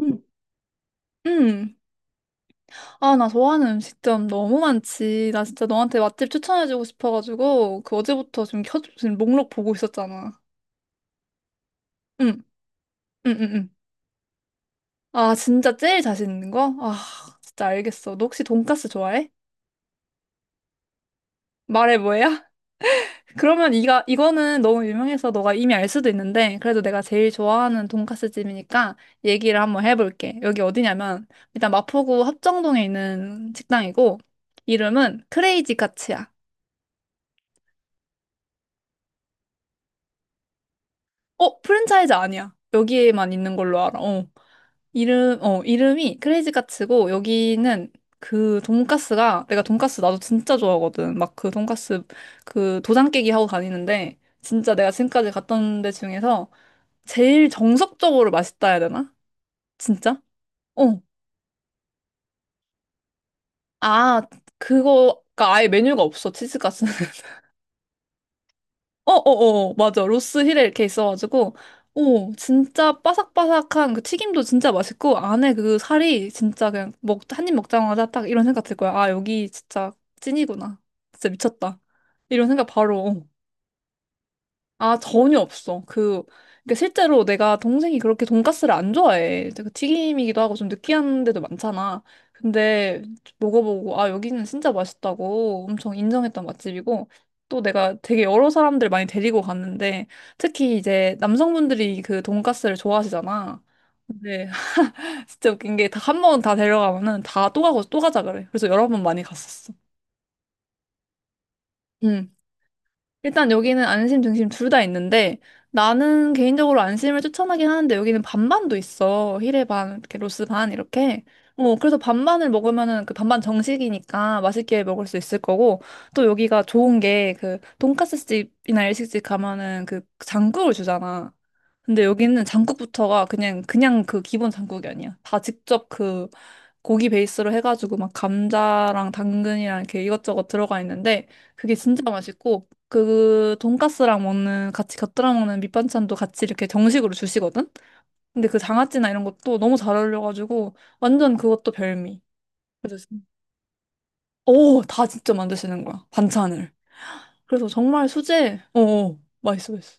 음, 음. 아, 나 좋아하는 음식점 너무 많지. 나 진짜 너한테 맛집 추천해주고 싶어가지고, 그 어제부터 지금 목록 보고 있었잖아. 응, 응, 응, 응. 아, 진짜 제일 자신 있는 거? 아, 진짜 알겠어. 너 혹시 돈까스 좋아해? 말해 뭐야? 그러면 이거는 너무 유명해서 너가 이미 알 수도 있는데, 그래도 내가 제일 좋아하는 돈까스 집이니까 얘기를 한번 해볼게. 여기 어디냐면, 일단 마포구 합정동에 있는 식당이고, 이름은 크레이지 카츠야. 어, 프랜차이즈 아니야. 여기에만 있는 걸로 알아. 어. 이름이 크레이지 카츠고, 여기는 그 돈까스가, 내가 돈까스 나도 진짜 좋아하거든. 막 그 돈까스 그 도장 깨기 하고 다니는데, 진짜 내가 지금까지 갔던 데 중에서 제일 정석적으로 맛있다 해야 되나? 진짜? 어. 아, 그거가 아예 메뉴가 없어, 치즈까스는. 어어어, 맞아. 로스 힐에 이렇게 있어가지고 오, 진짜 바삭바삭한 그 튀김도 진짜 맛있고, 안에 그 살이 진짜 그냥 먹 한 입 먹자마자 딱 이런 생각 들 거야. 아, 여기 진짜 찐이구나. 진짜 미쳤다. 이런 생각 바로. 어. 아, 전혀 없어. 그러니까 실제로 내가 동생이 그렇게 돈가스를 안 좋아해. 그 튀김이기도 하고 좀 느끼한 데도 많잖아. 근데 먹어보고, 아, 여기는 진짜 맛있다고 엄청 인정했던 맛집이고, 또 내가 되게 여러 사람들 많이 데리고 갔는데, 특히 이제 남성분들이 그 돈가스를 좋아하시잖아. 근데 진짜 웃긴 게 다 한 번 다 데려가면은 다 또 가고 또 가자 그래. 그래서 여러 번 많이 갔었어. 응. 일단 여기는 안심, 등심 둘 다 있는데 나는 개인적으로 안심을 추천하긴 하는데 여기는 반반도 있어. 히레 반, 이렇게 로스 반 이렇게. 어, 그래서 반반을 먹으면은 그 반반 정식이니까 맛있게 먹을 수 있을 거고, 또 여기가 좋은 게 그 돈까스 집이나 일식집 가면은 그 장국을 주잖아. 근데 여기는 장국부터가 그냥 그 기본 장국이 아니야. 다 직접 그 고기 베이스로 해가지고 막 감자랑 당근이랑 이렇게 이것저것 들어가 있는데 그게 진짜 맛있고 그 돈가스랑 먹는 같이 곁들여 먹는 밑반찬도 같이 이렇게 정식으로 주시거든. 근데 그 장아찌나 이런 것도 너무 잘 어울려가지고 완전 그것도 별미. 그래서 진- 오, 다 진짜 만드시는 거야 반찬을. 그래서 정말 수제. 어, 어, 맛있어, 맛있어.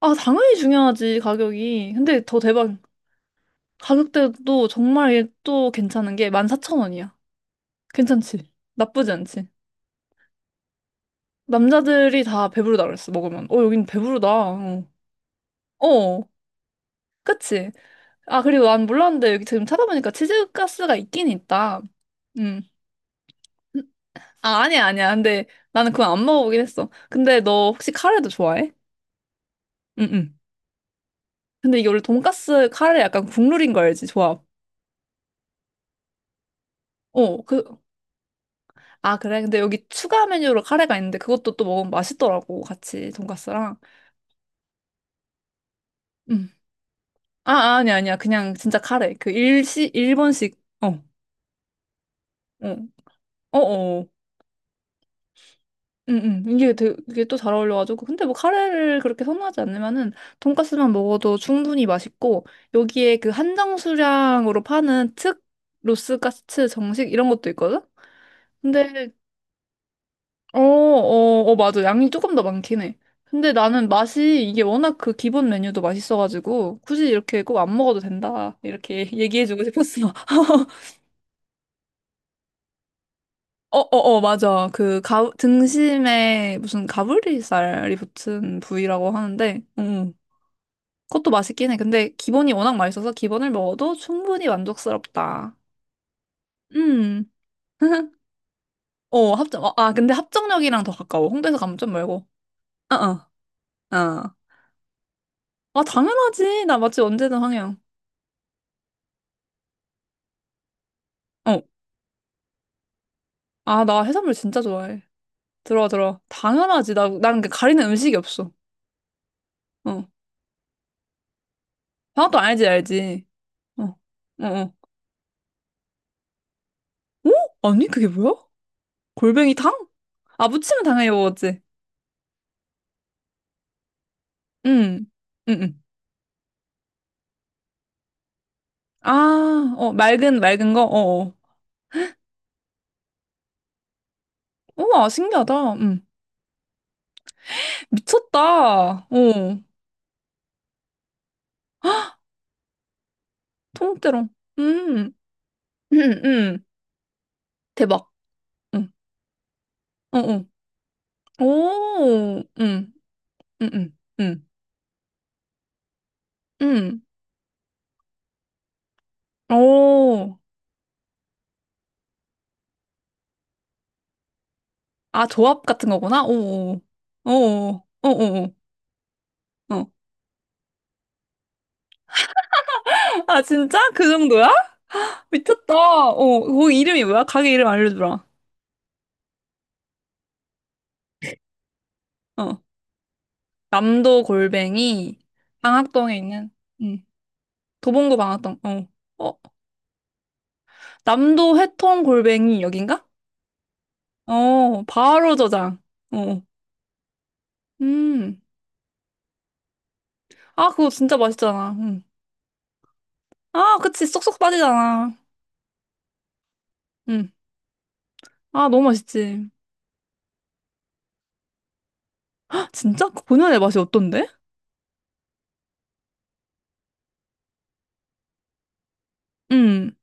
아, 당연히 중요하지, 가격이. 근데 더 대박. 가격대도 정말 얘또 괜찮은 게 14,000원이야. 괜찮지? 나쁘지 않지? 남자들이 다 배부르다 그랬어, 먹으면. 어, 여긴 배부르다. 어, 어, 그치? 아, 그리고 난 몰랐는데 여기 지금 찾아보니까 치즈가스가 있긴 있다. 음. 아, 아니야, 아니야. 근데 나는 그건 안 먹어보긴 했어. 근데 너 혹시 카레도 좋아해? 응, 응. 근데 이게 원래 돈가스 카레 약간 국룰인 거 알지? 조합. 어, 아, 그래? 근데 여기 추가 메뉴로 카레가 있는데 그것도 또 먹으면 맛있더라고, 같이 돈가스랑. 응. 아, 아, 아니야, 아니야. 그냥 진짜 카레. 그 일본식. 어, 어, 어, 어. 응, 응. 이게 되게 또 잘 어울려가지고. 근데 뭐 카레를 그렇게 선호하지 않으면은 돈까스만 먹어도 충분히 맛있고, 여기에 그 한정 수량으로 파는 특 로스가츠 정식 이런 것도 있거든? 근데, 어, 어, 어, 맞아. 양이 조금 더 많긴 해. 근데 나는 맛이 이게 워낙 그 기본 메뉴도 맛있어가지고, 굳이 이렇게 꼭 안 먹어도 된다. 이렇게 얘기해주고 싶었어. 어, 어, 어, 맞아. 등심에 무슨 가브리살이 붙은 부위라고 하는데, 그것도 맛있긴 해. 근데 기본이 워낙 맛있어서 기본을 먹어도 충분히 만족스럽다. 음, 어, 아, 근데 합정역이랑 더 가까워. 홍대에서 가면 좀 멀고. 어, 어, 어. 아, 당연하지. 나 맛집 언제든 황영. 어, 아, 나 해산물 진짜 좋아해. 들어와, 들어와. 당연하지. 나는 그 가리는 음식이 없어. 어, 방학도 알지, 알지. 어, 어, 어. 어? 아니, 그게 뭐야? 골뱅이탕? 아, 무침은 당연히 먹었지. 응, 응, 응. 아, 어, 맑은 거? 어어. 우와, 신기하다. 응. 미쳤다. 어, 통째로. 음, 음, 음. 대박. 응, 어, 어. 오, 응, 응, 응, 응, 응. 오, 아, 조합 같은 거구나? 오, 오, 오, 오, 오. 오. 어. 아, 진짜? 그 정도야? 미쳤다. 어, 거기 이름이 뭐야? 가게 이름 알려주라. 어. 남도 골뱅이 방학동에 있는 음, 도봉구 방학동. 어. 어, 남도 회통 골뱅이 여긴가? 어, 바로 저장. 어. 음. 아, 그거 진짜 맛있잖아. 음. 아, 그치. 쏙쏙 빠지잖아. 음. 아, 너무 맛있지. 헉, 진짜? 그 본연의 맛이 어떤데? 음.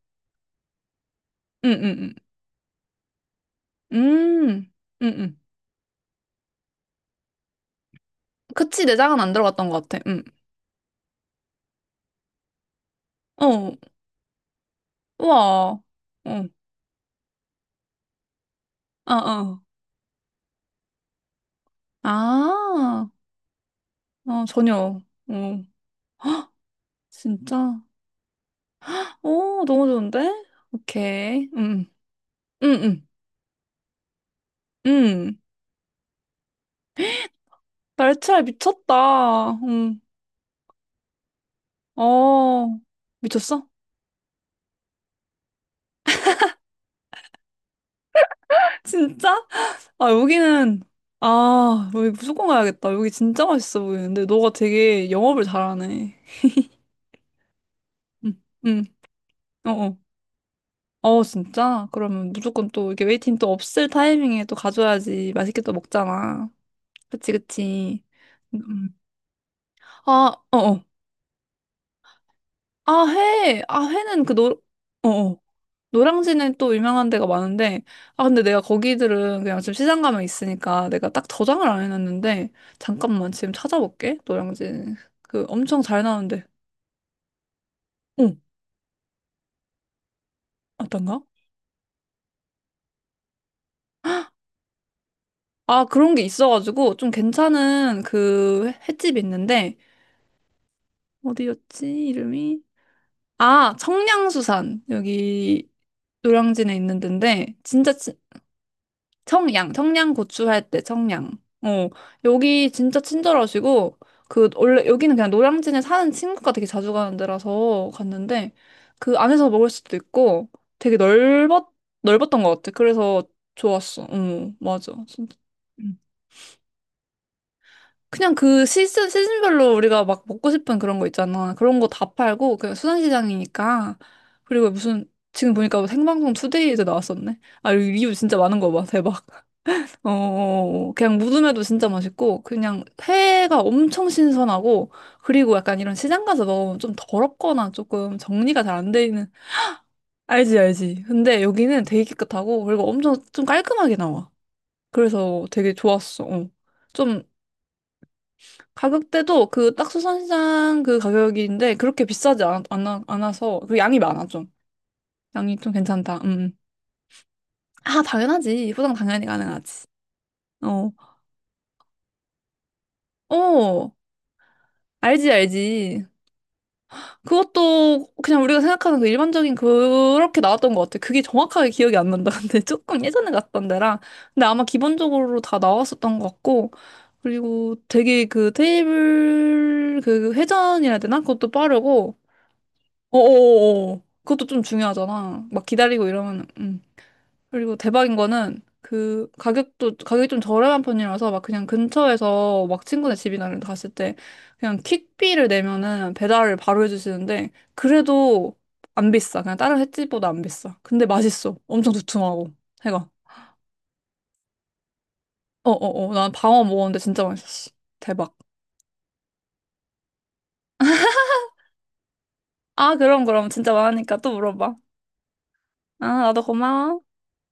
음, 음, 음. 음. 음, 음. 그치. 내장은 안 들어갔던 것 같아. 음. 어. 우와. 어. 아, 아. 아. 어, 전혀. 어. 진짜? 오, 너무 좋은데? 오케이. 음, 음, 음. 날치알 미쳤다. 어, 미쳤어? 진짜? 아, 아, 여기 무조건 가야겠다. 여기 진짜 맛있어 보이는데, 너가 되게 영업을 잘하네. 응, 응. 어, 어. 어, 진짜? 그러면 무조건 또 이렇게 웨이팅 또 없을 타이밍에 또 가줘야지 맛있게 또 먹잖아. 그치, 그치. 음. 아, 어, 어. 아, 회. 아, 회는 어어. 노량진에 또 유명한 데가 많은데, 아, 근데 내가 거기들은 그냥 지금 시장 가면 있으니까 내가 딱 저장을 안 해놨는데, 잠깐만 지금 찾아볼게. 노량진. 그 엄청 잘 나오는데. 응, 어떤가? 아, 그런 게 있어가지고 좀 괜찮은 그 횟집이 있는데, 어디였지? 이름이? 아, 청량수산. 여기 노량진에 있는 데인데, 진짜 청양, 청양 고추 할 때 청양. 어, 여기 진짜 친절하시고, 원래 여기는 그냥 노량진에 사는 친구가 되게 자주 가는 데라서 갔는데, 그 안에서 먹을 수도 있고, 되게 넓었던 것 같아. 그래서 좋았어. 응, 맞아. 진짜. 음. 그냥 그 시즌별로 우리가 막 먹고 싶은 그런 거 있잖아. 그런 거 다 팔고, 그냥 수산시장이니까. 그리고 무슨, 지금 보니까 뭐 생방송 투데이에도 나왔었네. 아, 리뷰 진짜 많은 거 봐. 대박. 어, 그냥 무듬에도 진짜 맛있고, 그냥 회가 엄청 신선하고, 그리고 약간 이런 시장 가서 먹으면 좀 더럽거나 조금 정리가 잘 안 돼 있는, 알지, 알지. 근데 여기는 되게 깨끗하고, 그리고 엄청 좀 깔끔하게 나와. 그래서 되게 좋았어. 어. 좀 가격대도 그 딱 수산시장 그 가격인데, 그렇게 비싸지 않아서, 그 양이 많아, 좀. 양이 좀 괜찮다. 음. 아, 당연하지. 포장 당연히 가능하지. 어. 어, 알지, 알지. 그것도 그냥 우리가 생각하는 그 일반적인 그렇게 나왔던 것 같아. 그게 정확하게 기억이 안 난다. 근데 조금 예전에 갔던 데랑. 근데 아마 기본적으로 다 나왔었던 것 같고. 그리고 되게 그 테이블 그 회전이라 해야 되나? 그것도 빠르고. 어어어, 그것도 좀 중요하잖아. 막 기다리고 이러면, 그리고 대박인 거는 그 가격도 가격이 좀 저렴한 편이라서 막 그냥 근처에서 막 친구네 집이나 이런 데 갔을 때 그냥 퀵비를 내면은 배달을 바로 해주시는데 그래도 안 비싸. 그냥 다른 횟집보다 안 비싸. 근데 맛있어. 엄청 두툼하고 해가. 어어어. 난 방어 먹었는데 진짜 맛있었어. 대박. 아, 그럼 진짜 많으니까 또 물어봐. 아, 나도 고마워.